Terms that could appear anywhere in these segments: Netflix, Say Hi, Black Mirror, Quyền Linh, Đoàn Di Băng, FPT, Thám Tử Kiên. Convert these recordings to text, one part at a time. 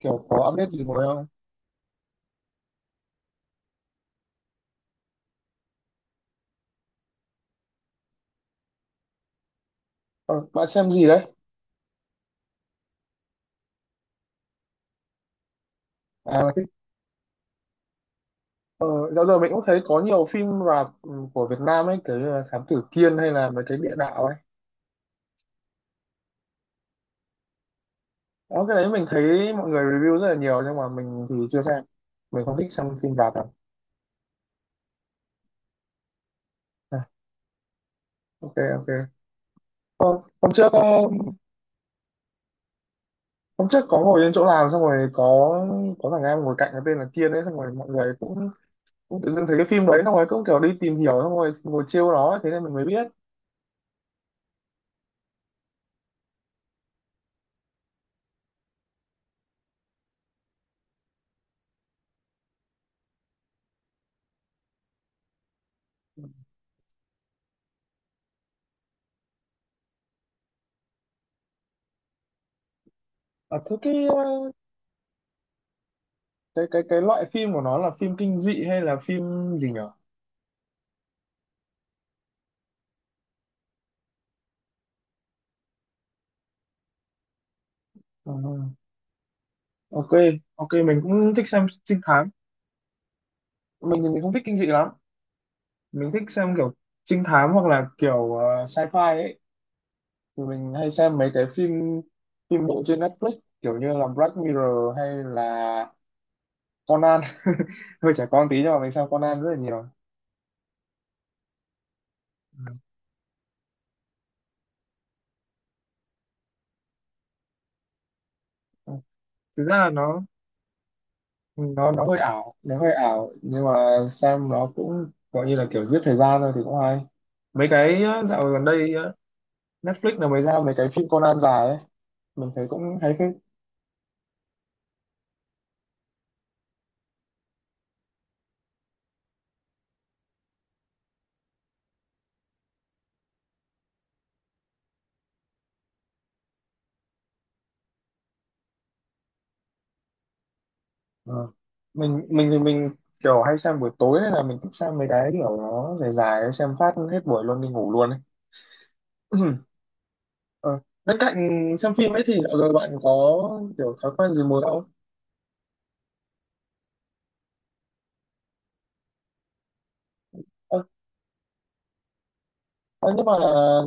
Kiểu có update gì mới không? Ờ, Bạn xem gì đấy? À mà thích. ờ, Dạo giờ mình cũng thấy có nhiều phim rạp, của Việt Nam ấy, kiểu như là Thám Tử Kiên hay là mấy cái địa đạo ấy. Đó, cái đấy mình thấy mọi người review rất là nhiều nhưng mà mình thì chưa xem. Mình không thích xem phim rạp đâu. À, ok ok. Hôm trước hôm trước có ngồi trên chỗ làm xong rồi có thằng em ngồi cạnh cái tên là Kiên ấy, xong rồi mọi người cũng cũng tự dưng thấy cái phim đấy, xong rồi cũng kiểu đi tìm hiểu xong rồi ngồi chiêu nó ấy, thế nên mình mới biết. À, thế cái cái loại phim của nó là phim kinh dị hay là phim gì nhở? Ờ, ok ok, mình cũng thích xem trinh thám. Mình thì mình không thích kinh dị lắm. Mình thích xem kiểu trinh thám hoặc là kiểu sci-fi ấy. Thì mình hay xem mấy cái phim phim bộ trên Netflix kiểu như là Black Mirror hay là Conan. Hơi trẻ con tí nhưng mà mình xem Conan rất là nhiều. Ừ. Thực ra là nó nó hơi ảo, nó hơi ảo nhưng mà xem nó cũng gọi như là kiểu giết thời gian thôi thì cũng hay. Mấy cái á, dạo gần đây á, Netflix là mới ra mấy cái phim Conan dài ấy, mình thấy cũng hay phết. Ờ. Mình thì mình kiểu hay xem buổi tối nên là mình thích xem mấy cái kiểu nó dài dài ấy, xem phát hết buổi luôn đi ngủ luôn ấy. Ờ. Bên cạnh xem phim ấy thì dạo giờ bạn có kiểu thói quen gì mới không? Ờ, ờ, nhưng mà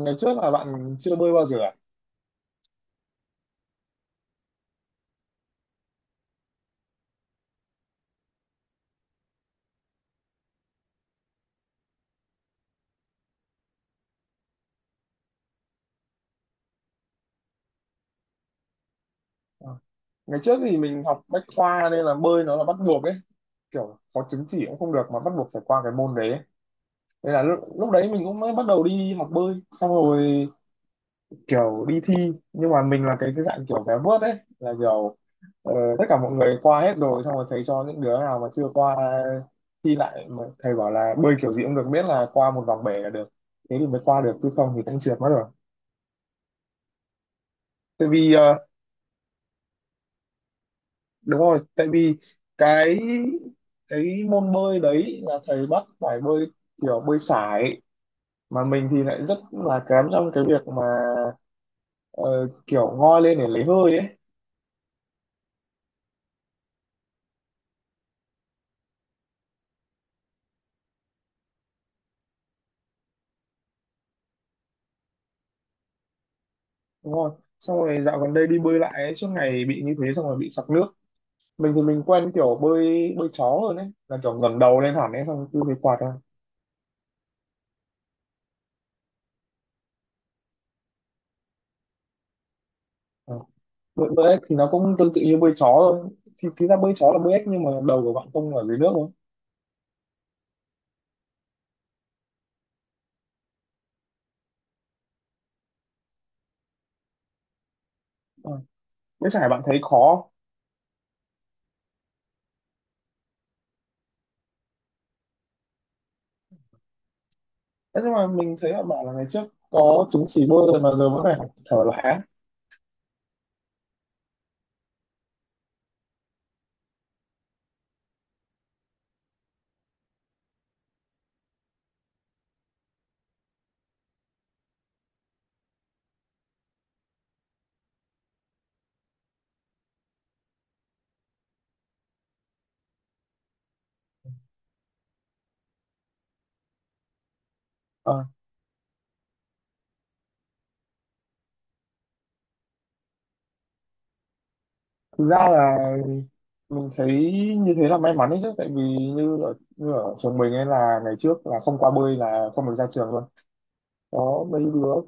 ngày trước là bạn chưa bơi bao giờ à? Ờ. Ngày trước thì mình học bách khoa nên là bơi nó là bắt buộc ấy, kiểu có chứng chỉ cũng không được mà bắt buộc phải qua cái môn đấy ấy. Thế là lúc đấy mình cũng mới bắt đầu đi học bơi xong rồi kiểu đi thi, nhưng mà mình là cái dạng kiểu vé vớt đấy, là kiểu ờ, tất cả mọi người qua hết rồi xong rồi thầy cho những đứa nào mà chưa qua thi lại, mà thầy bảo là bơi kiểu gì cũng được miễn là qua một vòng bể là được. Thế thì mới qua được chứ không thì cũng trượt mất rồi. Tại vì đúng rồi, tại vì cái môn bơi đấy là thầy bắt phải bơi kiểu bơi sải, mà mình thì lại rất là kém trong cái việc mà ờ, kiểu ngoi lên để lấy hơi ấy. Đúng không, xong rồi dạo gần đây đi bơi lại ấy, suốt ngày bị như thế xong rồi bị sặc nước. Mình thì mình quen kiểu bơi bơi chó hơn ấy, là kiểu ngẩng đầu lên hẳn ấy xong rồi cứ bị quạt ra. Ờ. Bơi ếch thì nó cũng tương tự như bơi chó thôi, thì thực ra bơi chó là bơi ếch nhưng mà đầu của bạn không ở dưới nước thôi. Ờ. Với chả bạn thấy khó không? Thế nhưng mà mình thấy là bạn là ngày trước có chứng chỉ bơi rồi mà giờ vẫn phải học thở lại á. Ờ. Thực ra là mình thấy như thế là may mắn đấy chứ, tại vì như ở trường mình ấy là ngày trước là không qua bơi là không được ra trường luôn. Có mấy đứa,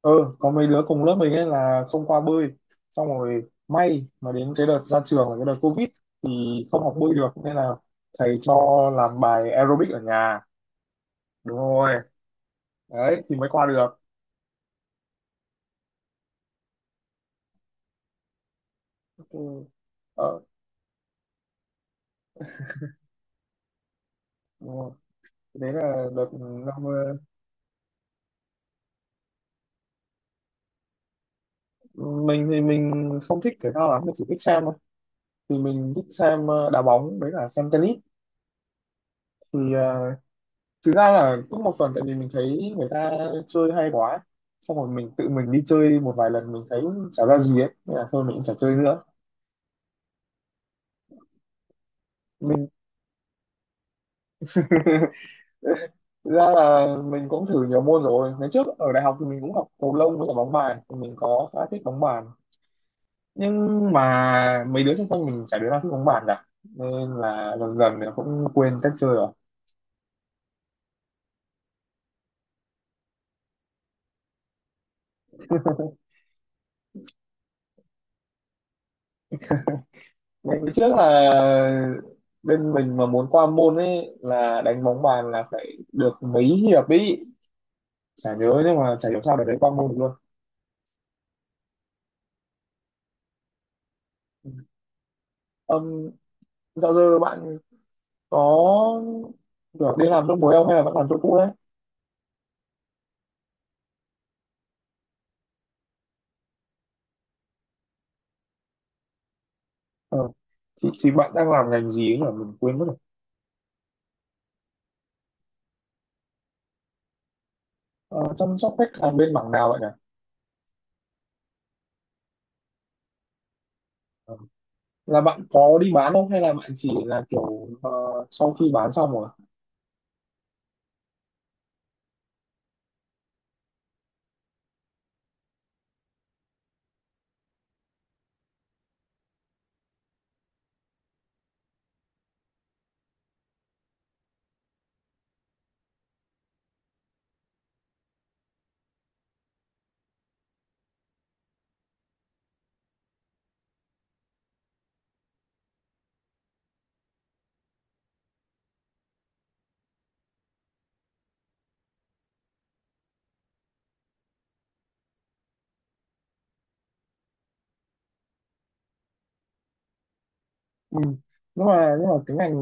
ờ, có mấy đứa cùng lớp mình ấy là không qua bơi, xong rồi may mà đến cái đợt ra trường là cái đợt covid thì không học bơi được nên là thầy cho làm bài aerobic ở nhà. Đúng rồi, đấy thì mới qua được. Ừ, ờ, đúng rồi. Đấy là đợt năm, mình thì mình không thích thể thao lắm, mình chỉ thích xem thôi. Thì mình thích xem đá bóng với cả xem tennis. Thì thực ra là cũng một phần tại vì mình thấy người ta chơi hay quá, xong rồi mình tự mình đi chơi một vài lần mình thấy chả ra gì ấy nên là thôi mình cũng chả chơi nữa. Mình thực ra là mình cũng thử nhiều môn rồi, ngày trước ở đại học thì mình cũng học cầu lông với cả bóng bàn, thì mình có khá thích bóng bàn nhưng mà mấy đứa xung quanh mình chả đứa nào thích bóng bàn cả nên là dần dần thì cũng quên cách chơi rồi. Ngày trước là bên mình mà muốn qua môn ấy là đánh bóng bàn là phải được mấy hiệp ý, chả nhớ nhưng mà chả hiểu sao để đánh qua môn được luôn. um, Dạo giờ bạn có được đi làm trong mối không hay là vẫn làm chỗ cũ đấy? Ờ. Thì bạn đang làm ngành gì ấy nhỉ, mình quên mất rồi. Ờ, chăm sóc khách hàng bên mảng nào vậy nhỉ? Ờ. Là bạn có đi bán không hay là bạn chỉ là kiểu sau khi bán xong rồi? Ừ. nhưng mà cái ngành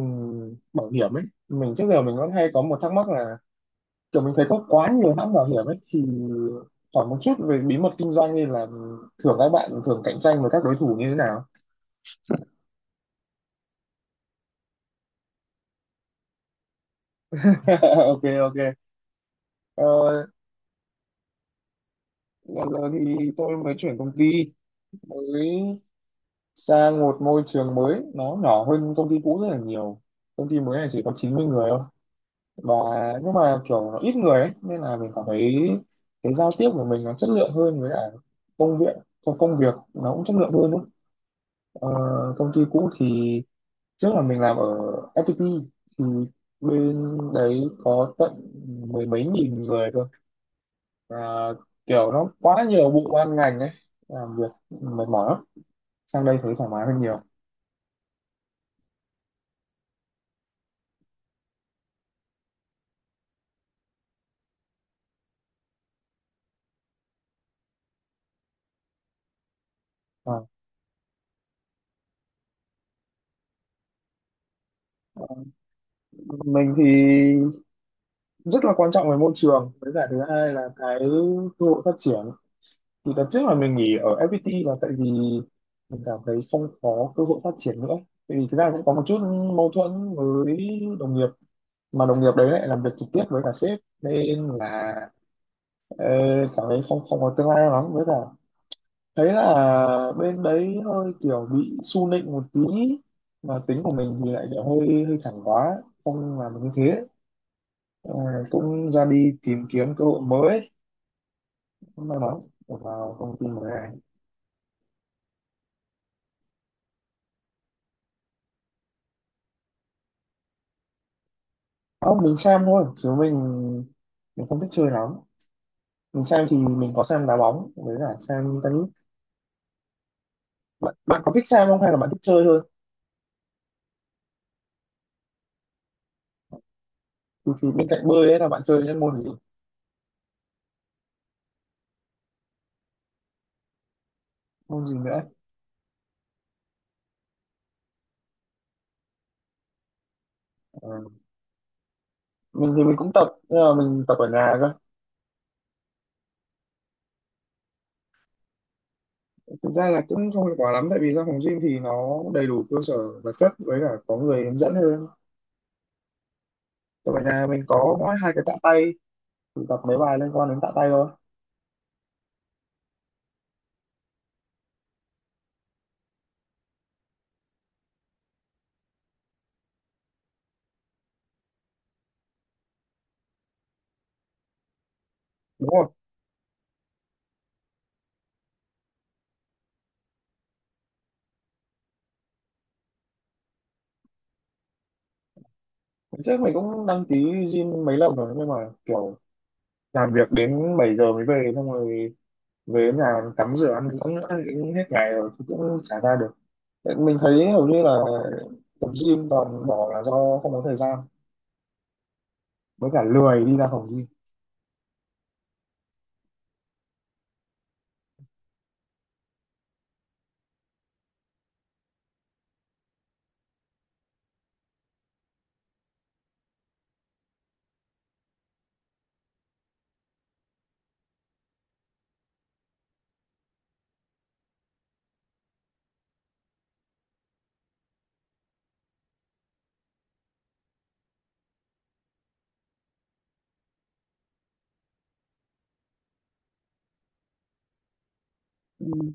bảo hiểm ấy, mình trước giờ mình vẫn hay có một thắc mắc là kiểu mình thấy có quá nhiều hãng bảo hiểm ấy, thì hỏi một chút về bí mật kinh doanh nên là thường các bạn thường cạnh tranh với các đối thủ như thế nào? Ok ok. ờ, Bây giờ thì tôi mới chuyển công ty mới, sang một môi trường mới, nó nhỏ hơn công ty cũ rất là nhiều. Công ty mới này chỉ có 90 người thôi, và nhưng mà kiểu nó ít người ấy nên là mình cảm thấy cái giao tiếp của mình nó chất lượng hơn, với cả công việc công công việc nó cũng chất lượng hơn ấy. Ờ, công ty cũ thì trước là mình làm ở FPT, thì bên đấy có tận mười mấy nghìn người cơ, và kiểu nó quá nhiều bộ ban ngành ấy, làm việc mệt mỏi lắm, sang đây thấy thoải mái hơn nhiều. À, mình thì rất là quan trọng về môi trường, với cả thứ hai là cái cơ hội phát triển. Thì đợt trước là mình nghỉ ở FPT là tại vì mình cảm thấy không có cơ hội phát triển nữa, tại vì thực ra cũng có một chút mâu thuẫn với đồng nghiệp, mà đồng nghiệp đấy lại làm việc trực tiếp với cả sếp nên là Ê, cảm thấy không không có tương lai lắm, với cả thấy là bên đấy hơi kiểu bị su nịnh một tí, mà tính của mình thì lại kiểu hơi hơi thẳng quá, không làm được như thế. Ờ, cũng ra đi tìm kiếm cơ hội mới, cũng may mắn được vào công ty mới này. Không, mình xem thôi chứ mình không thích chơi lắm. Mình xem thì mình có xem đá bóng với cả xem tennis. Bạn có thích xem không hay là bạn thích chơi thôi? Thì bên cạnh bơi ấy là bạn chơi những môn gì? Môn gì nữa? Ờ, mình thì mình cũng tập nhưng mà mình tập ở nhà cơ. Thực ra là cũng không hiệu quả lắm tại vì ra phòng gym thì nó đầy đủ cơ sở vật chất với cả có người hướng dẫn hơn, còn ở nhà mình có mỗi 2 cái tạ tay thì tập mấy bài liên quan đến tạ tay thôi. Đúng rồi. Hôm trước mình cũng đăng ký gym mấy lần rồi nhưng mà kiểu làm việc đến 7 giờ mới về, xong rồi về đến nhà tắm rửa ăn uống nữa thì cũng hết ngày rồi thì cũng chả ra được. Tại mình thấy hầu như là tập gym toàn bỏ là do không có thời gian, với cả lười đi ra phòng gym. Ừ.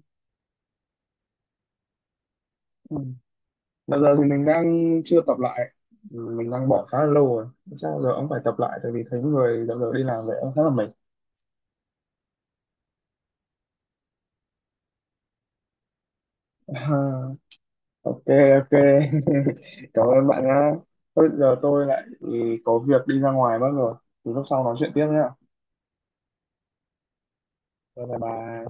Ừ. Bây giờ thì mình đang chưa tập lại, mình đang bỏ khá là lâu rồi. Chắc giờ ông phải tập lại tại vì thấy người dạo giờ đi làm vậy ông khá là mệt. Ok ok, cảm ơn bạn nhá. Bây giờ tôi lại có việc đi ra ngoài mất rồi. Thì lúc sau nói chuyện tiếp nhá. Bye bye.